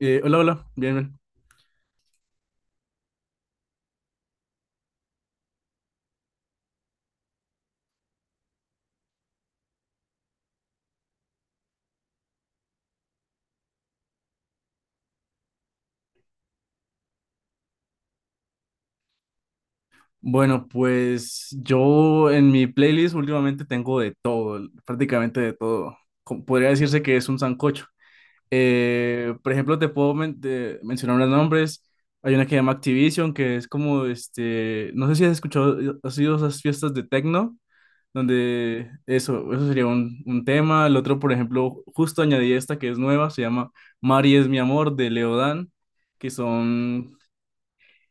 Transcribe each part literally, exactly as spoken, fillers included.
Eh, hola, hola, bien, bien. Bueno, pues yo en mi playlist últimamente tengo de todo, prácticamente de todo. Co- Podría decirse que es un sancocho. Eh, por ejemplo, te puedo men- de- mencionar los nombres. Hay una que se llama Activision, que es como, este, no sé si has escuchado, eh, has ido a esas fiestas de techno. Donde eso, eso sería un, un tema. El otro, por ejemplo, justo añadí esta que es nueva, se llama Mari es mi amor de Leo Dan, que son,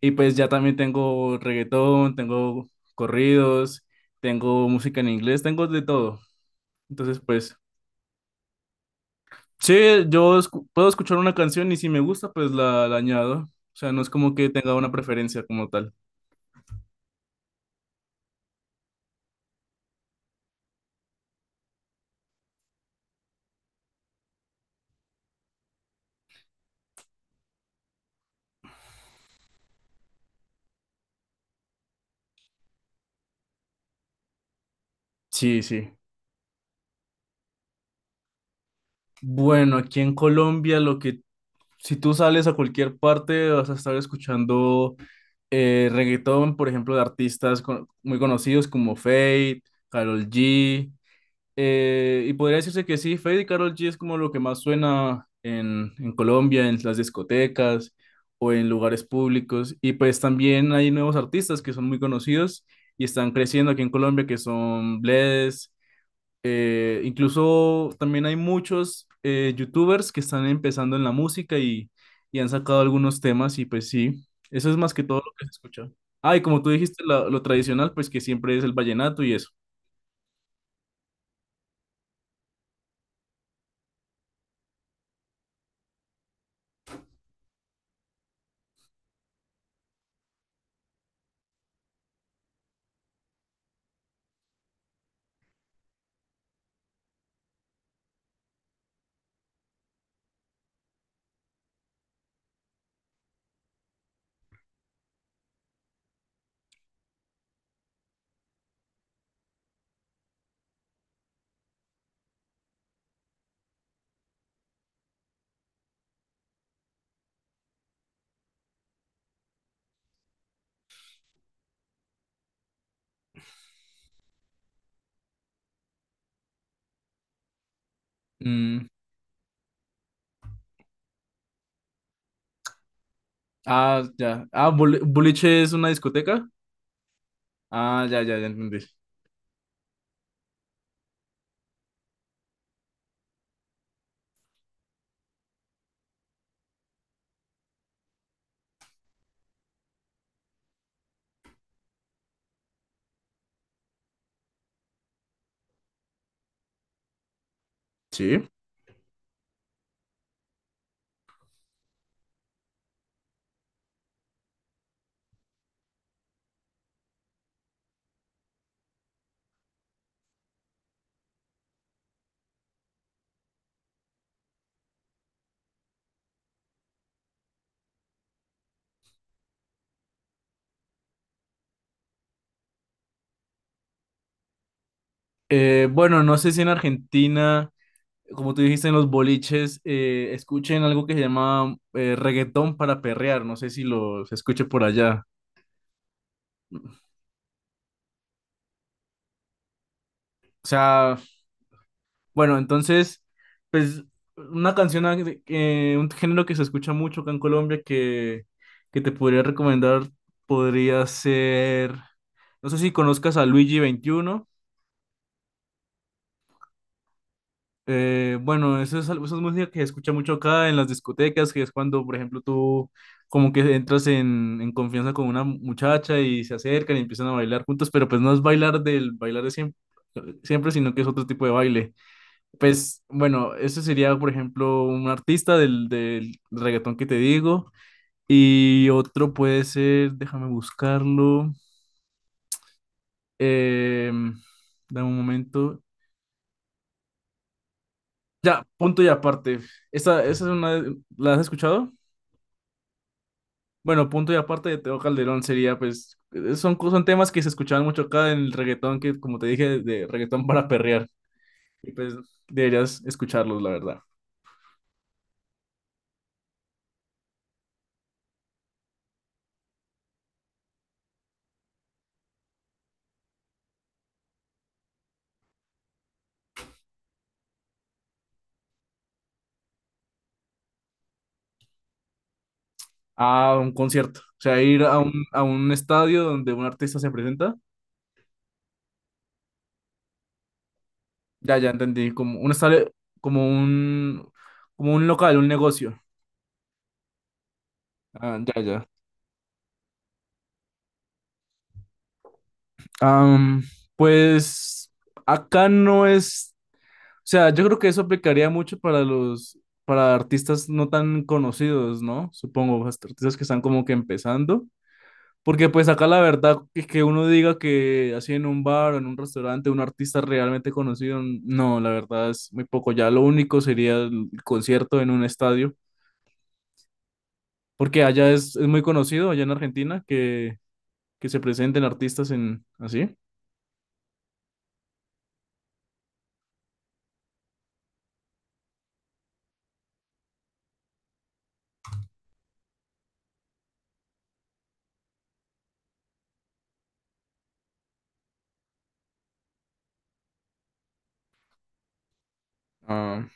y pues ya también tengo reggaetón, tengo corridos, tengo música en inglés, tengo de todo. Entonces, pues, sí, yo escu- puedo escuchar una canción y si me gusta, pues la, la añado. O sea, no es como que tenga una preferencia como tal. Sí, sí. Bueno, aquí en Colombia lo que si tú sales a cualquier parte, vas a estar escuchando eh, reggaetón, por ejemplo, de artistas con- muy conocidos como Fate, Karol G. Eh, y podría decirse que sí, Fate y Karol G es como lo que más suena en, en Colombia, en las discotecas o en lugares públicos. Y pues también hay nuevos artistas que son muy conocidos y están creciendo aquí en Colombia, que son Bless. Eh, incluso también hay muchos eh, youtubers que están empezando en la música y, y han sacado algunos temas y pues sí, eso es más que todo lo que se escucha. Ah, y como tú dijiste, la- lo tradicional, pues que siempre es el vallenato y eso. Mm, ah, ya. Ah, bol- boliche es una discoteca. Ah, ya, ya, ya entendí. Sí. Eh, bueno, no sé si en Argentina, como tú dijiste en los boliches, eh, escuchen algo que se llama eh, reggaetón para perrear. No sé si lo se escuche por allá. O sea, bueno, entonces, pues una canción, a- de- eh, un género que se escucha mucho acá en Colombia que, que te podría recomendar podría ser, no sé si conozcas a Luigi veintiuno. Eh, bueno, eso es, algo- eso es música que se escucha mucho acá en las discotecas, que es cuando, por ejemplo, tú como que entras en, en confianza con una muchacha y se acercan y empiezan a bailar juntos, pero pues no es bailar del bailar de siempre, siempre, sino que es otro tipo de baile. Pues bueno, eso sería, por ejemplo, un artista del, del reggaetón que te digo. Y otro puede ser, déjame buscarlo. Eh, Dame un momento. Ya, punto y aparte. Esa, esa es una. de- ¿La has escuchado? Bueno, punto y aparte de Teo Calderón sería, pues, eh, son, co- son temas que se escuchaban mucho acá en el reggaetón, que como te dije, de reggaetón para perrear. Y pues deberías escucharlos, la verdad. A un concierto. O sea, ir a un, a un estadio donde un artista se presenta. Ya, ya entendí. Como un estable, como un, como un local, un negocio. Ah, ya, ya. Am, pues acá no es, o sea, yo creo que eso aplicaría mucho para los, para artistas no tan conocidos, ¿no? Supongo, hasta artistas que están como que empezando. Porque pues acá la verdad es que uno diga que así en un bar o en un restaurante un artista realmente conocido, no, la verdad es muy poco. Ya lo único sería el concierto en un estadio porque allá es, es muy conocido, allá en Argentina, que, que se presenten artistas en así. Ah,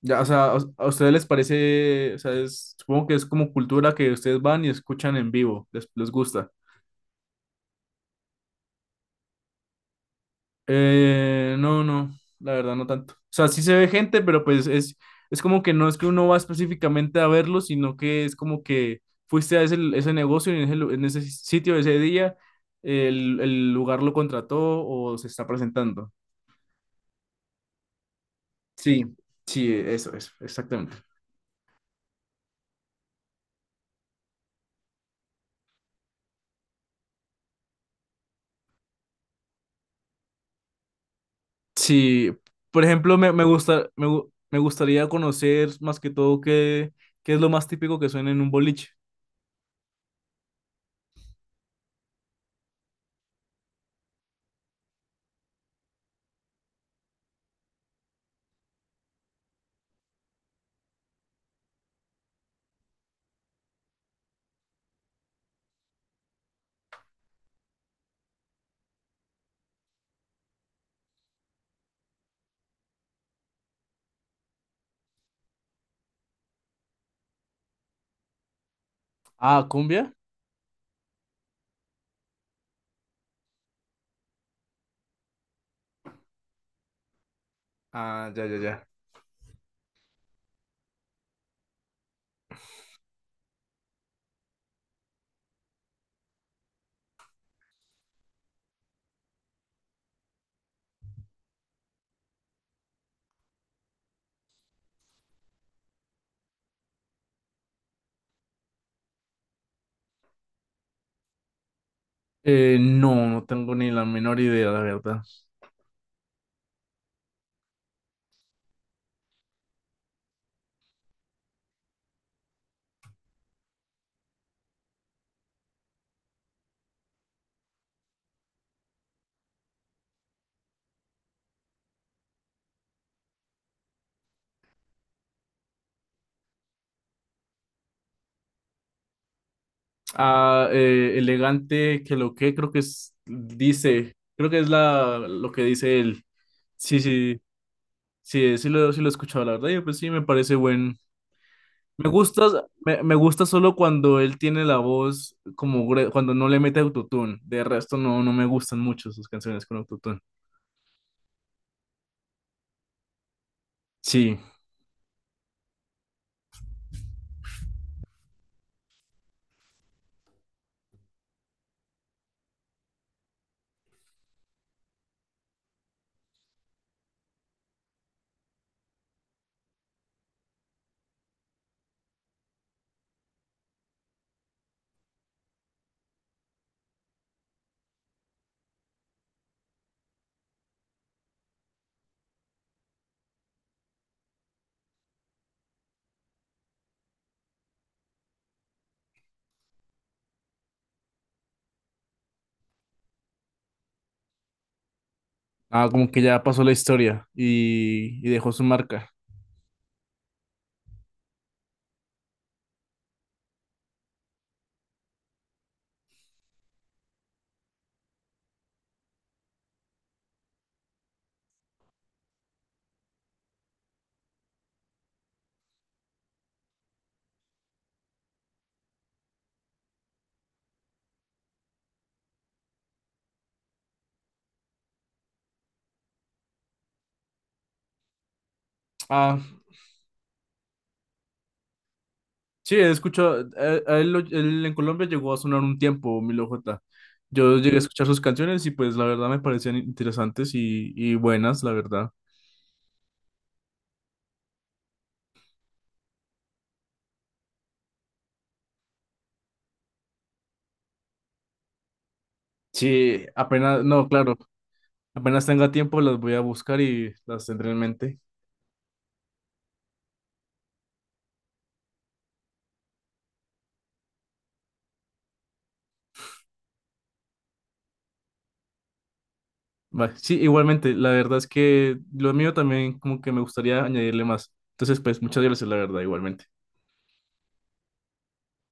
ya, o sea, ¿a a ustedes les parece? O sea, es- supongo que es como cultura que ustedes van y escuchan en vivo, les, les gusta. Eh, no, no, la verdad no tanto. O sea, sí se ve gente, pero pues es, es como que no es que uno va específicamente a verlo, sino que es como que fuiste a ese, ese negocio y en ese, lu- en ese sitio ese día, el, el lugar lo contrató o se está presentando. Sí, sí, eso, es, exactamente. Sí, por ejemplo, me, me gusta, me, gu- me gustaría conocer más que todo qué, qué es lo más típico que suena en un boliche. Ah, cumbia. Ah, ya, ya, ya. Eh, no, no tengo ni la menor idea, la verdad. Ah, eh, elegante, que lo que creo que es, dice, creo que es la, lo que dice él. Sí, sí, sí, sí lo, sí lo he escuchado, la verdad. Y pues sí, me parece buen, me gusta, me, me gusta solo cuando él tiene la voz como gre- cuando no le mete autotune. De resto no, no me gustan mucho sus canciones con autotune. Sí, ah, como que ya pasó la historia y, y dejó su marca. Ah, sí, he escuchado, eh, a él, lo- él en Colombia llegó a sonar un tiempo, Milo jota. Yo llegué a escuchar sus canciones y pues la verdad me parecían interesantes y, y buenas, la verdad. Sí, apenas, no, claro, apenas tenga tiempo las voy a buscar y las tendré en mente. Va, sí, igualmente, la verdad es que lo mío también como que me gustaría añadirle más. Entonces, pues, muchas gracias, la verdad, igualmente.